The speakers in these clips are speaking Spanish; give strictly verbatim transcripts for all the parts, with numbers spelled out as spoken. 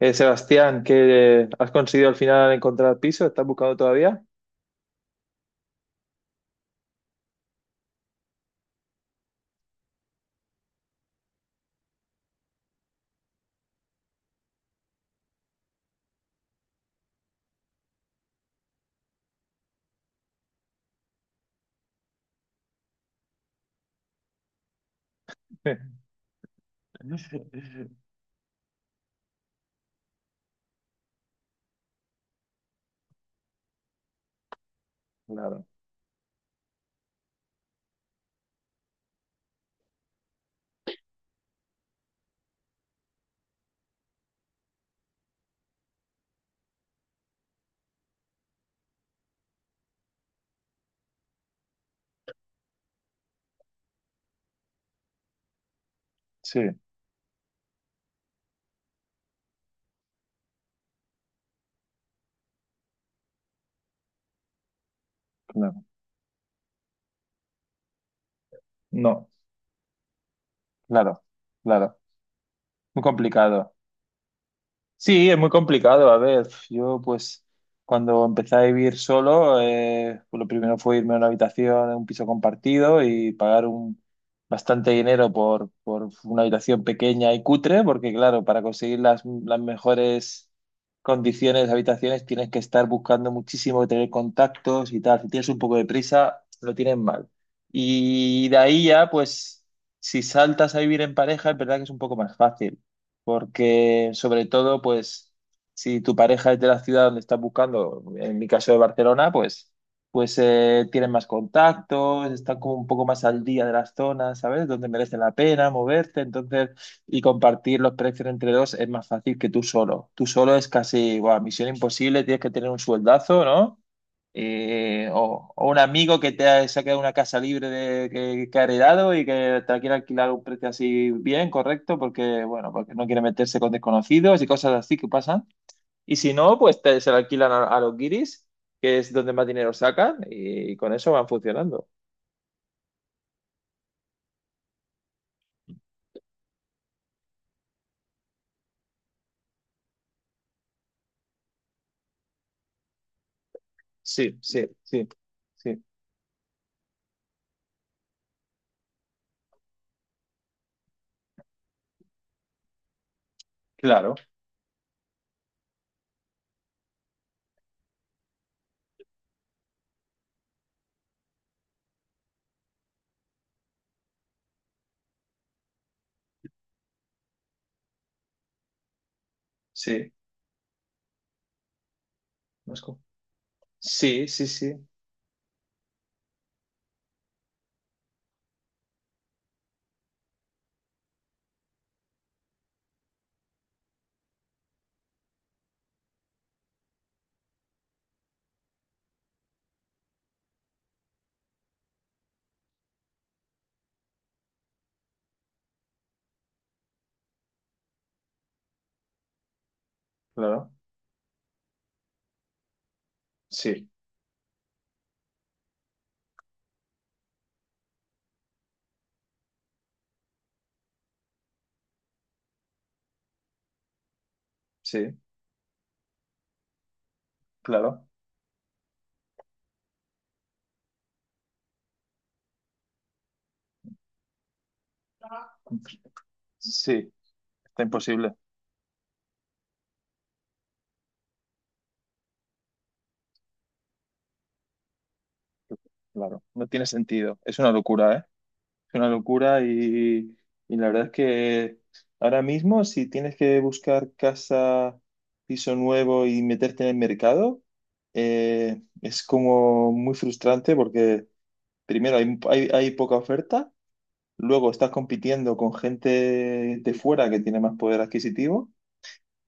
Eh, Sebastián, ¿qué eh, has conseguido al final encontrar piso? ¿Estás buscando todavía? Claro, sí, claro. No, claro, claro. Muy complicado. Sí, es muy complicado. A ver, yo pues cuando empecé a vivir solo, eh, pues, lo primero fue irme a una habitación, en un piso compartido y pagar un, bastante dinero por, por una habitación pequeña y cutre, porque claro, para conseguir las, las mejores condiciones de habitaciones tienes que estar buscando muchísimo, tener contactos y tal. Si tienes un poco de prisa, lo tienes mal. Y de ahí ya, pues si saltas a vivir en pareja, es verdad que es un poco más fácil porque sobre todo, pues, si tu pareja es de la ciudad donde estás buscando, en mi caso de Barcelona, pues, pues eh, tienen más contactos, están como un poco más al día de las zonas, ¿sabes? Donde merece la pena moverte, entonces, y compartir los precios entre dos es más fácil que tú solo. Tú solo es casi, guau, misión imposible, tienes que tener un sueldazo, ¿no? eh, o, o un amigo que te ha sacado una casa libre de, que, que ha heredado y que te la quiere alquilar a un precio así bien, correcto, porque bueno, porque no quiere meterse con desconocidos y cosas así que pasan. Y si no, pues te- se la alquilan a, a los guiris, que es donde más dinero sacan, y, con eso van funcionando. Sí, sí, sí, sí, claro, sí, Moscú. Sí, sí, sí, claro, sí, sí, claro, sí, está imposible, claro, no tiene sentido, es una locura, ¿eh? Es una locura y, y la verdad es que ahora mismo si tienes que buscar casa, piso nuevo y meterte en el mercado, eh, es como muy frustrante porque primero hay, hay, hay poca oferta, luego estás compitiendo con gente de fuera que tiene más poder adquisitivo.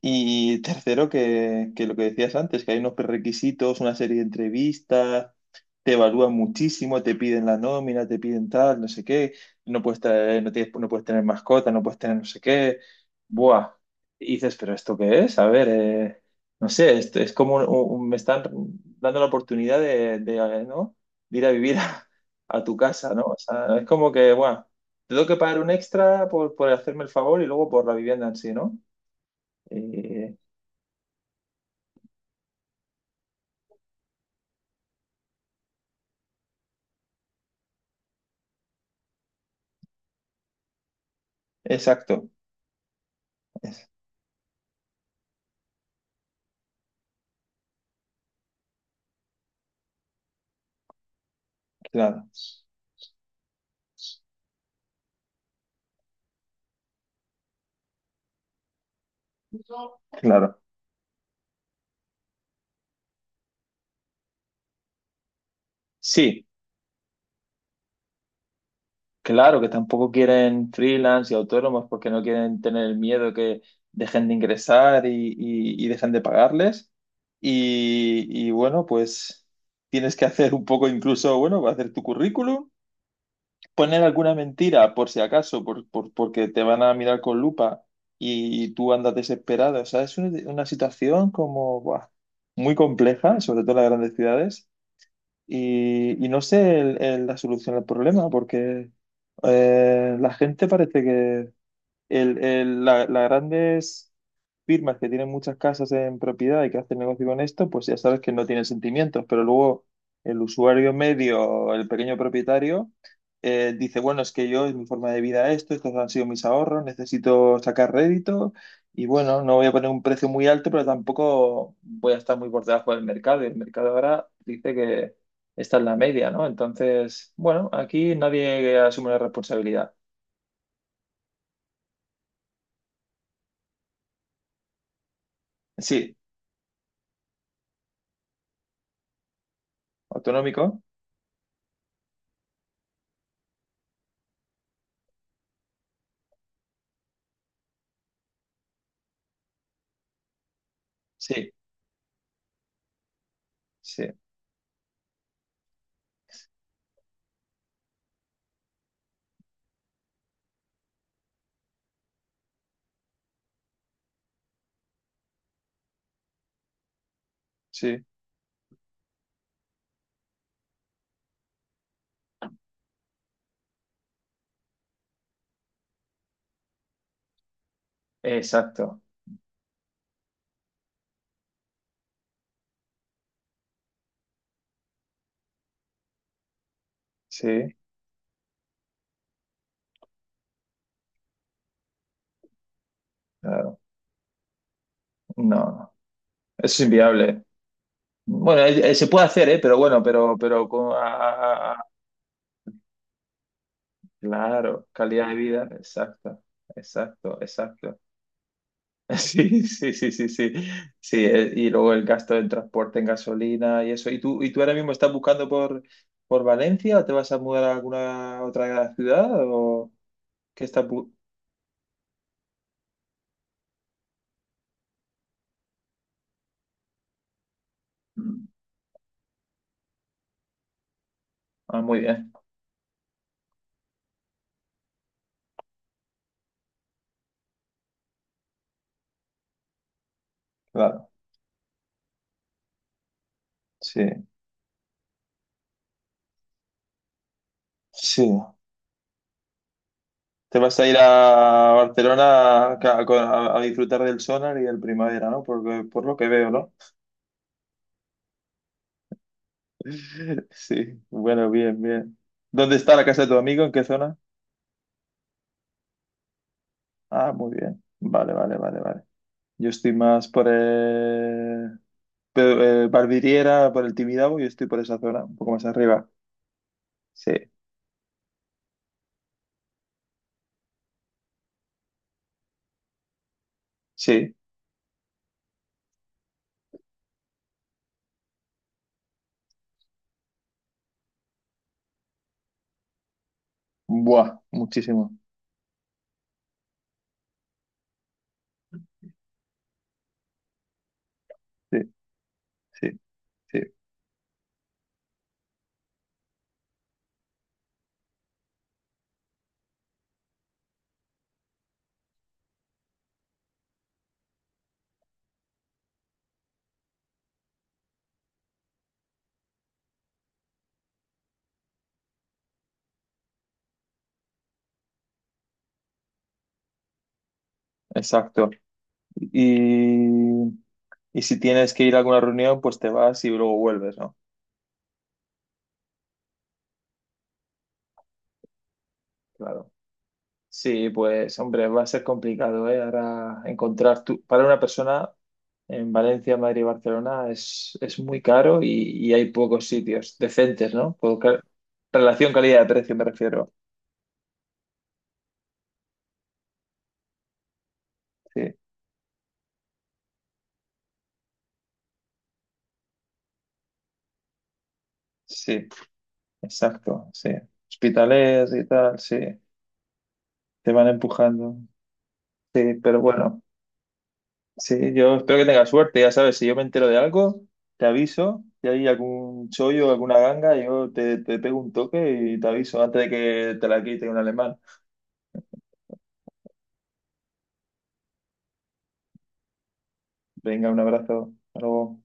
Y tercero, que, que lo que decías antes, que hay unos prerequisitos, una serie de entrevistas, te evalúan muchísimo, te piden la nómina, te piden tal, no sé qué, no puedes traer- no tienes- no puedes tener mascota, no puedes tener no sé qué. Buah. Y dices, ¿pero esto qué es? A ver, eh, no sé, esto es como un- un- me están dando la oportunidad de, de, eh, ¿no? De ir a vivir a, a tu casa, ¿no? O sea, es como que, buah, tengo que pagar un extra por, por hacerme el favor y luego por la vivienda en sí, ¿no? Eh, exacto, es- claro, claro. Sí, claro que tampoco quieren freelance y autónomos porque no quieren tener el miedo que dejen de ingresar y, y- y dejen de pagarles. Y, y bueno, pues tienes que hacer un poco incluso, bueno, hacer tu currículum, poner alguna mentira por si acaso, por, por- porque te van a mirar con lupa y, tú andas desesperado. O sea, es una, una situación como buah, muy compleja, sobre todo en las grandes ciudades. Y, y no sé el- el- la solución al problema, porque eh, la gente parece que, el, el- la- las grandes firmas que tienen muchas casas en propiedad y que hacen negocio con esto, pues ya sabes que no tienen sentimientos, pero luego el usuario medio, el pequeño propietario, eh, dice, bueno, es que yo, es mi forma de vida esto, estos han sido mis ahorros, necesito sacar rédito y bueno, no voy a poner un precio muy alto, pero tampoco voy a estar muy por debajo del mercado. Y el mercado ahora dice que esta es la media, ¿no? Entonces, bueno, aquí nadie asume la responsabilidad. Sí, autonómico. Sí, sí, sí, exacto, sí, claro, no, no, eso es inviable. Bueno, eh, eh, se puede hacer, ¿eh? Pero bueno, pero, pero con, ah, ah, ah, claro, calidad de vida, exacto, exacto, exacto. Sí, sí, sí, sí, sí, sí, eh, y luego el gasto del transporte en gasolina y eso. ¿Y tú, y tú ahora mismo estás buscando por, por Valencia o te vas a mudar a alguna otra ciudad o qué estás bu- Ah, muy bien, claro, sí, sí. Te vas a ir a Barcelona a, a- a disfrutar del Sonar y del Primavera, ¿no? Por, por lo que veo, ¿no? Sí, bueno, bien, bien. ¿Dónde está la casa de tu amigo? ¿En qué zona? Ah, muy bien. Vale, vale, vale, vale. Yo estoy más por el... pe- eh, Barbiriera, por el Tibidabo, yo estoy por esa zona, un poco más arriba. Sí, sí. Buah, muchísimo. Sí, sí, sí. Exacto. Y, y si tienes que ir a alguna reunión, pues te vas y luego vuelves, ¿no? Claro. Sí, pues hombre, va a ser complicado, ¿eh? Ahora encontrar tu... para una persona en Valencia, Madrid y Barcelona es, es muy caro y, y hay pocos sitios decentes, ¿no? Por ca- Relación calidad-precio me refiero. Sí, sí, exacto, sí. Hospitales y tal, sí, te van empujando. Sí, pero bueno. Sí, yo espero que tengas suerte, ya sabes, si yo me entero de algo, te aviso, si hay algún chollo, alguna ganga, yo te, te pego un toque y te aviso antes de que te la quite un alemán. Venga, un abrazo, hasta luego.